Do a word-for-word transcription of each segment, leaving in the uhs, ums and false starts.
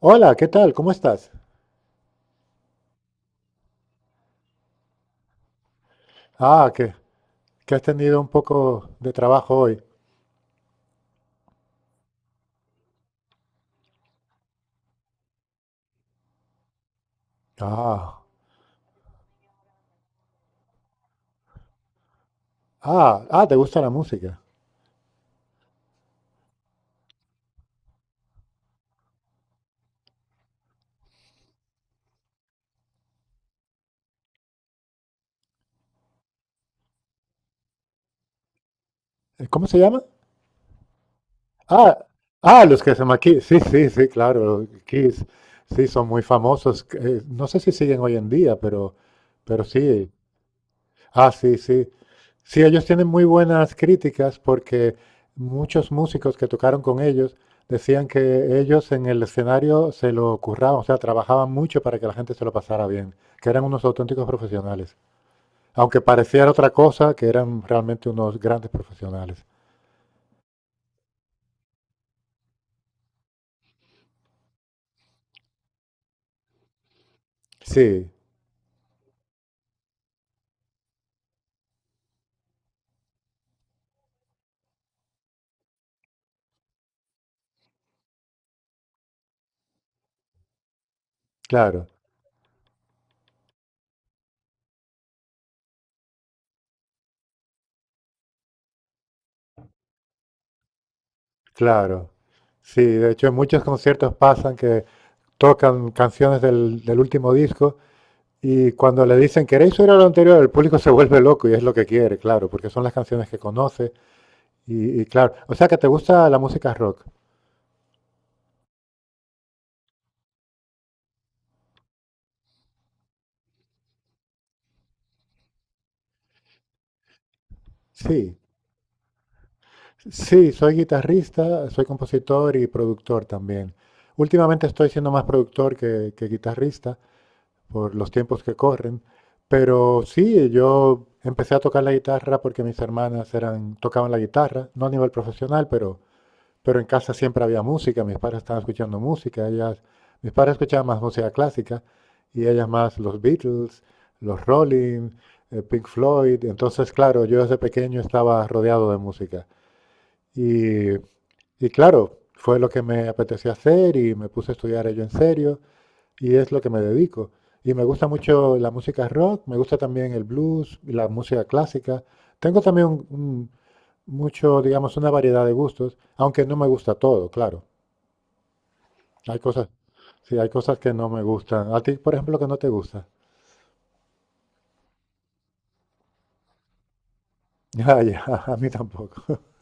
Hola, ¿qué tal? ¿Cómo estás? Ah, que, que has tenido un poco de trabajo hoy. Ah, ah, ah, te gusta la música. Eh, ¿Cómo se llama? Ah, ah, los que se llaman Kiss. Sí, sí, sí, claro, Kiss. Sí, son muy famosos. Eh, no sé si siguen hoy en día, pero, pero sí. Ah, sí, sí. Sí, ellos tienen muy buenas críticas porque muchos músicos que tocaron con ellos decían que ellos en el escenario se lo curraban, o sea, trabajaban mucho para que la gente se lo pasara bien, que eran unos auténticos profesionales. Aunque pareciera otra cosa, que eran realmente unos grandes profesionales. Sí, claro, claro. Sí, de hecho en muchos conciertos pasan que tocan canciones del, del último disco. Y cuando le dicen, ¿queréis oír a lo anterior? El público se vuelve loco y es lo que quiere, claro, porque son las canciones que conoce. Y, y claro, o sea que te gusta la música rock. Sí, sí, soy guitarrista, soy compositor y productor también. Últimamente estoy siendo más productor que, que guitarrista por los tiempos que corren, pero sí, yo empecé a tocar la guitarra porque mis hermanas eran, tocaban la guitarra, no a nivel profesional, pero Pero en casa siempre había música, mis padres estaban escuchando música, ellas, mis padres escuchaban más música clásica y ellas más los Beatles, los Rolling, eh, Pink Floyd. Entonces, claro, yo desde pequeño estaba rodeado de música. Y, y claro, fue lo que me apetecía hacer y me puse a estudiar ello en serio y es lo que me dedico. Y me gusta mucho la música rock, me gusta también el blues, y la música clásica. Tengo también un- un- mucho, digamos, una variedad de gustos, aunque no me gusta todo, claro. Hay cosas, sí, hay cosas que no me gustan. A ti, por ejemplo, que no te gusta. Ah, ya, a mí tampoco.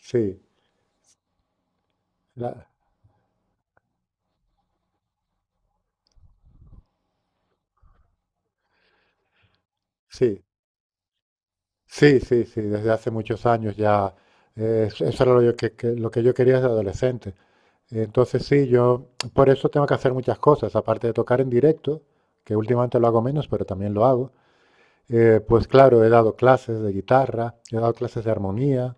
Sí, la- sí, sí, sí, sí, desde hace muchos años ya. eh, eso eso era lo yo que- que- lo que yo quería desde adolescente. Entonces sí, yo por eso tengo que hacer muchas cosas, aparte de tocar en directo, que últimamente lo hago menos, pero también lo hago. Eh, pues claro, he dado clases de guitarra, he dado clases de armonía,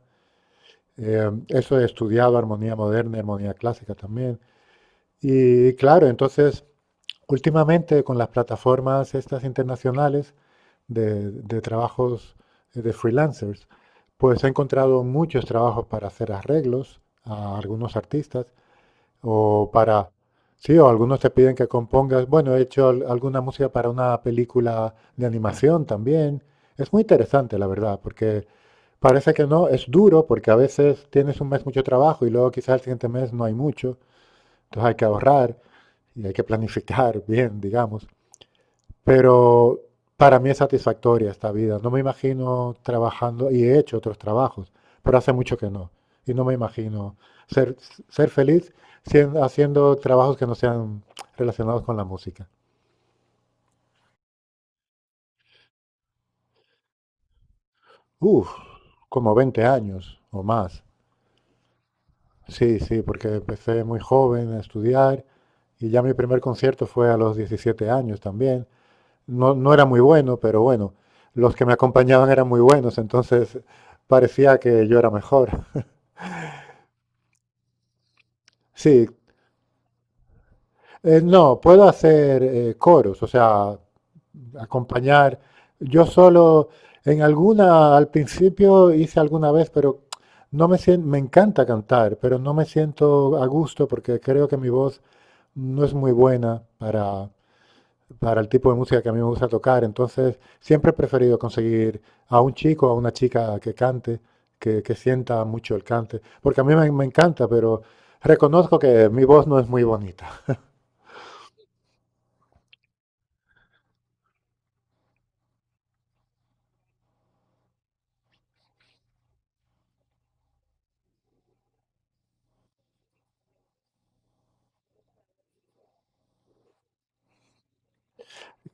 eh, eso he estudiado armonía moderna, armonía clásica también. Y claro, entonces últimamente con las plataformas estas internacionales de, de trabajos eh, de freelancers, pues he encontrado muchos trabajos para hacer arreglos a algunos artistas o para... Sí, o algunos te piden que compongas. Bueno, he hecho al- alguna música para una película de animación también. Es muy interesante, la verdad, porque parece que no, es duro porque a veces tienes un mes mucho trabajo y luego quizás el siguiente mes no hay mucho. Entonces hay que ahorrar y hay que planificar bien, digamos. Pero para mí es satisfactoria esta vida. No me imagino trabajando, y he hecho otros trabajos, pero hace mucho que no. Y no me imagino ser, ser feliz sien- haciendo trabajos que no sean relacionados con la música. Uf, como veinte años o más. Sí, sí, porque empecé muy joven a estudiar y ya mi primer concierto fue a los diecisiete años también. No, no era muy bueno, pero bueno, los que me acompañaban eran muy buenos, entonces parecía que yo era mejor. Sí, eh, no, puedo hacer eh, coros, o sea, acompañar. Yo solo, en alguna, al principio hice alguna vez, pero no me siento, me encanta cantar, pero no me siento a gusto porque creo que mi voz no es muy buena para, para el tipo de música que a mí me gusta tocar. Entonces, siempre he preferido conseguir a un chico o a una chica que cante, que, que sienta mucho el cante, porque a mí me, me encanta, pero reconozco que mi voz no es muy bonita.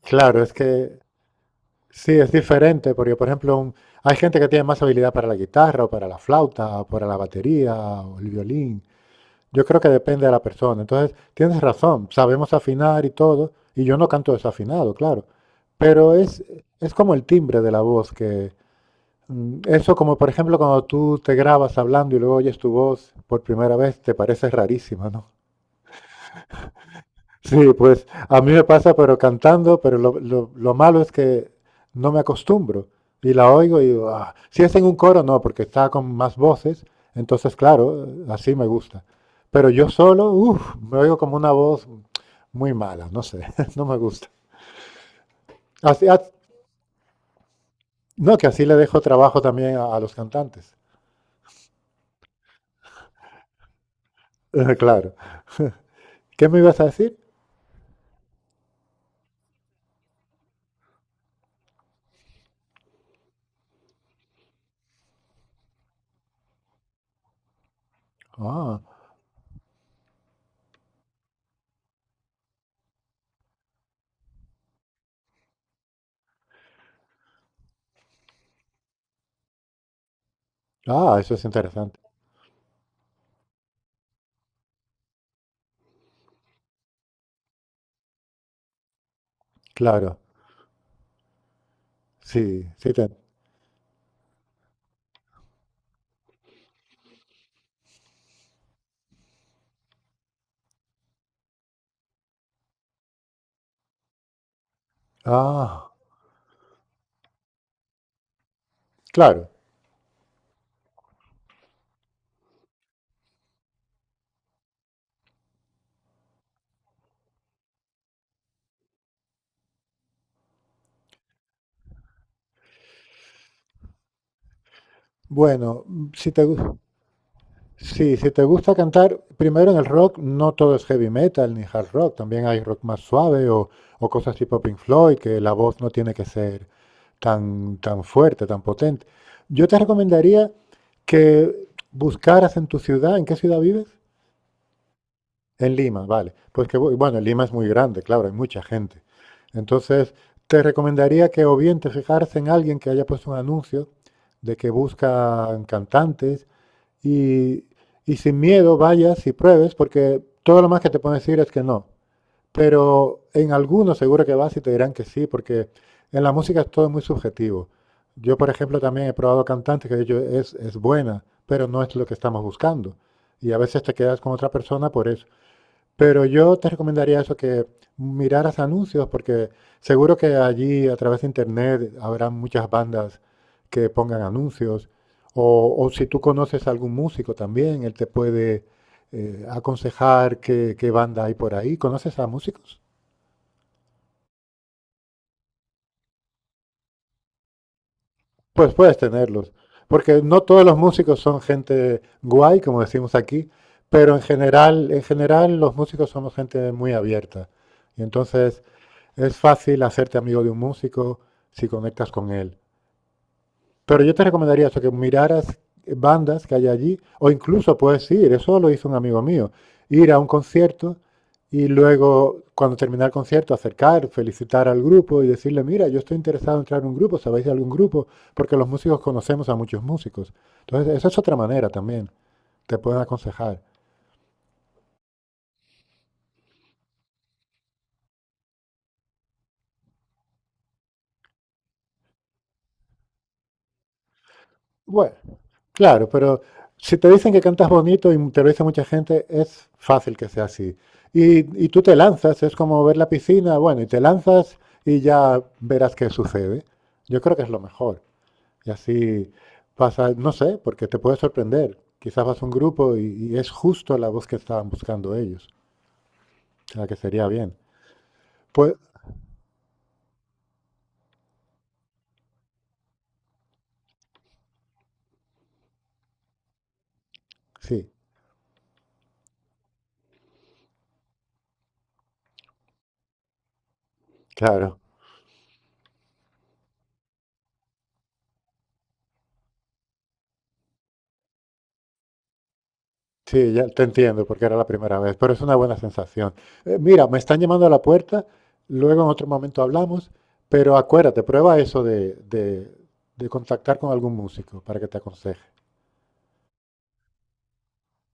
Claro, es que sí, es diferente, porque por ejemplo, un- hay gente que tiene más habilidad para la guitarra o para la flauta o para la batería o el violín. Yo creo que depende de la persona. Entonces, tienes razón, sabemos afinar y todo, y yo no canto desafinado, claro, pero es, es, como el timbre de la voz que... mm, Eso como por ejemplo cuando tú te grabas hablando y luego oyes tu voz por primera vez, te parece rarísima, ¿no? Sí, pues a mí me pasa, pero cantando, pero lo, lo- lo malo es que no me acostumbro y la oigo y digo, "Ah". Si es en un coro, no, porque está con más voces, entonces claro, así me gusta. Pero yo solo, uff, me oigo como una voz muy mala, no sé, no me gusta. Así- ah, no, que así le dejo trabajo también a, a los cantantes. Claro. ¿Qué me ibas a decir? Ah, ah, Eso es interesante. Claro, sí, sí. te- ah, claro. Bueno, mm, si te, gu- sí, si te gusta cantar, primero en el rock no todo es heavy metal ni hard rock, también hay rock más suave o, o, cosas tipo Pink Floyd, que la voz no tiene que ser tan, tan fuerte, tan potente. Yo te recomendaría que buscaras en tu ciudad, ¿en qué ciudad vives? En Lima, vale. Pues que, bu- bueno, Lima es muy grande, claro, hay mucha gente. Entonces, te recomendaría que o bien te fijaras en alguien que haya puesto un anuncio de que buscan cantantes y, y sin miedo vayas y pruebes, porque todo lo más que te pueden decir es que no. Pero en algunos seguro que vas y te dirán que sí, porque en la música es todo es muy subjetivo. Yo, por ejemplo, también he probado cantantes que he dicho, es, es, buena, pero no es lo que estamos buscando. Y a veces te quedas con otra persona por eso. Pero yo te recomendaría eso, que miraras anuncios, porque seguro que allí a través de internet habrá muchas bandas que pongan anuncios. O, o, si tú conoces a algún músico también, él te puede eh, aconsejar qué, qué banda hay por ahí. ¿Conoces a músicos? Pues puedes tenerlos, porque no todos los músicos son gente guay, como decimos aquí, pero en general, en general los músicos somos gente muy abierta. Y entonces es fácil hacerte amigo de un músico si conectas con él. Pero yo te recomendaría eso, que miraras bandas que hay allí, o incluso puedes ir, eso lo hizo un amigo mío, ir a un concierto y luego, cuando terminar el concierto, acercar, felicitar al grupo y decirle, mira, yo estoy interesado en entrar en un grupo, ¿sabéis de algún grupo? Porque los músicos conocemos a muchos músicos. Entonces, esa es otra manera también, te pueden aconsejar. Bueno, claro, pero si te dicen que cantas bonito y te lo dice mucha gente, es fácil que sea así. Y, y tú te lanzas, es como ver la piscina, bueno, y te lanzas y ya verás qué sucede. Yo creo que es lo mejor. Y así pasa, no sé, porque te puede sorprender. Quizás vas a un grupo y, y es justo la voz que estaban buscando ellos, o sea, que sería bien. Pues sí, claro. Sí, ya te entiendo, porque era la primera vez, pero es una buena sensación. Eh, mira, me están llamando a la puerta, luego en otro momento hablamos, pero acuérdate, prueba eso de, de- de contactar con algún músico para que te aconseje.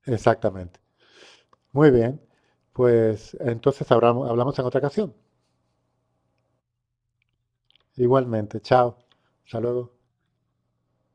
Exactamente. Muy bien, pues entonces hablamos, hablamos en otra ocasión. Igualmente, chao. Hasta luego.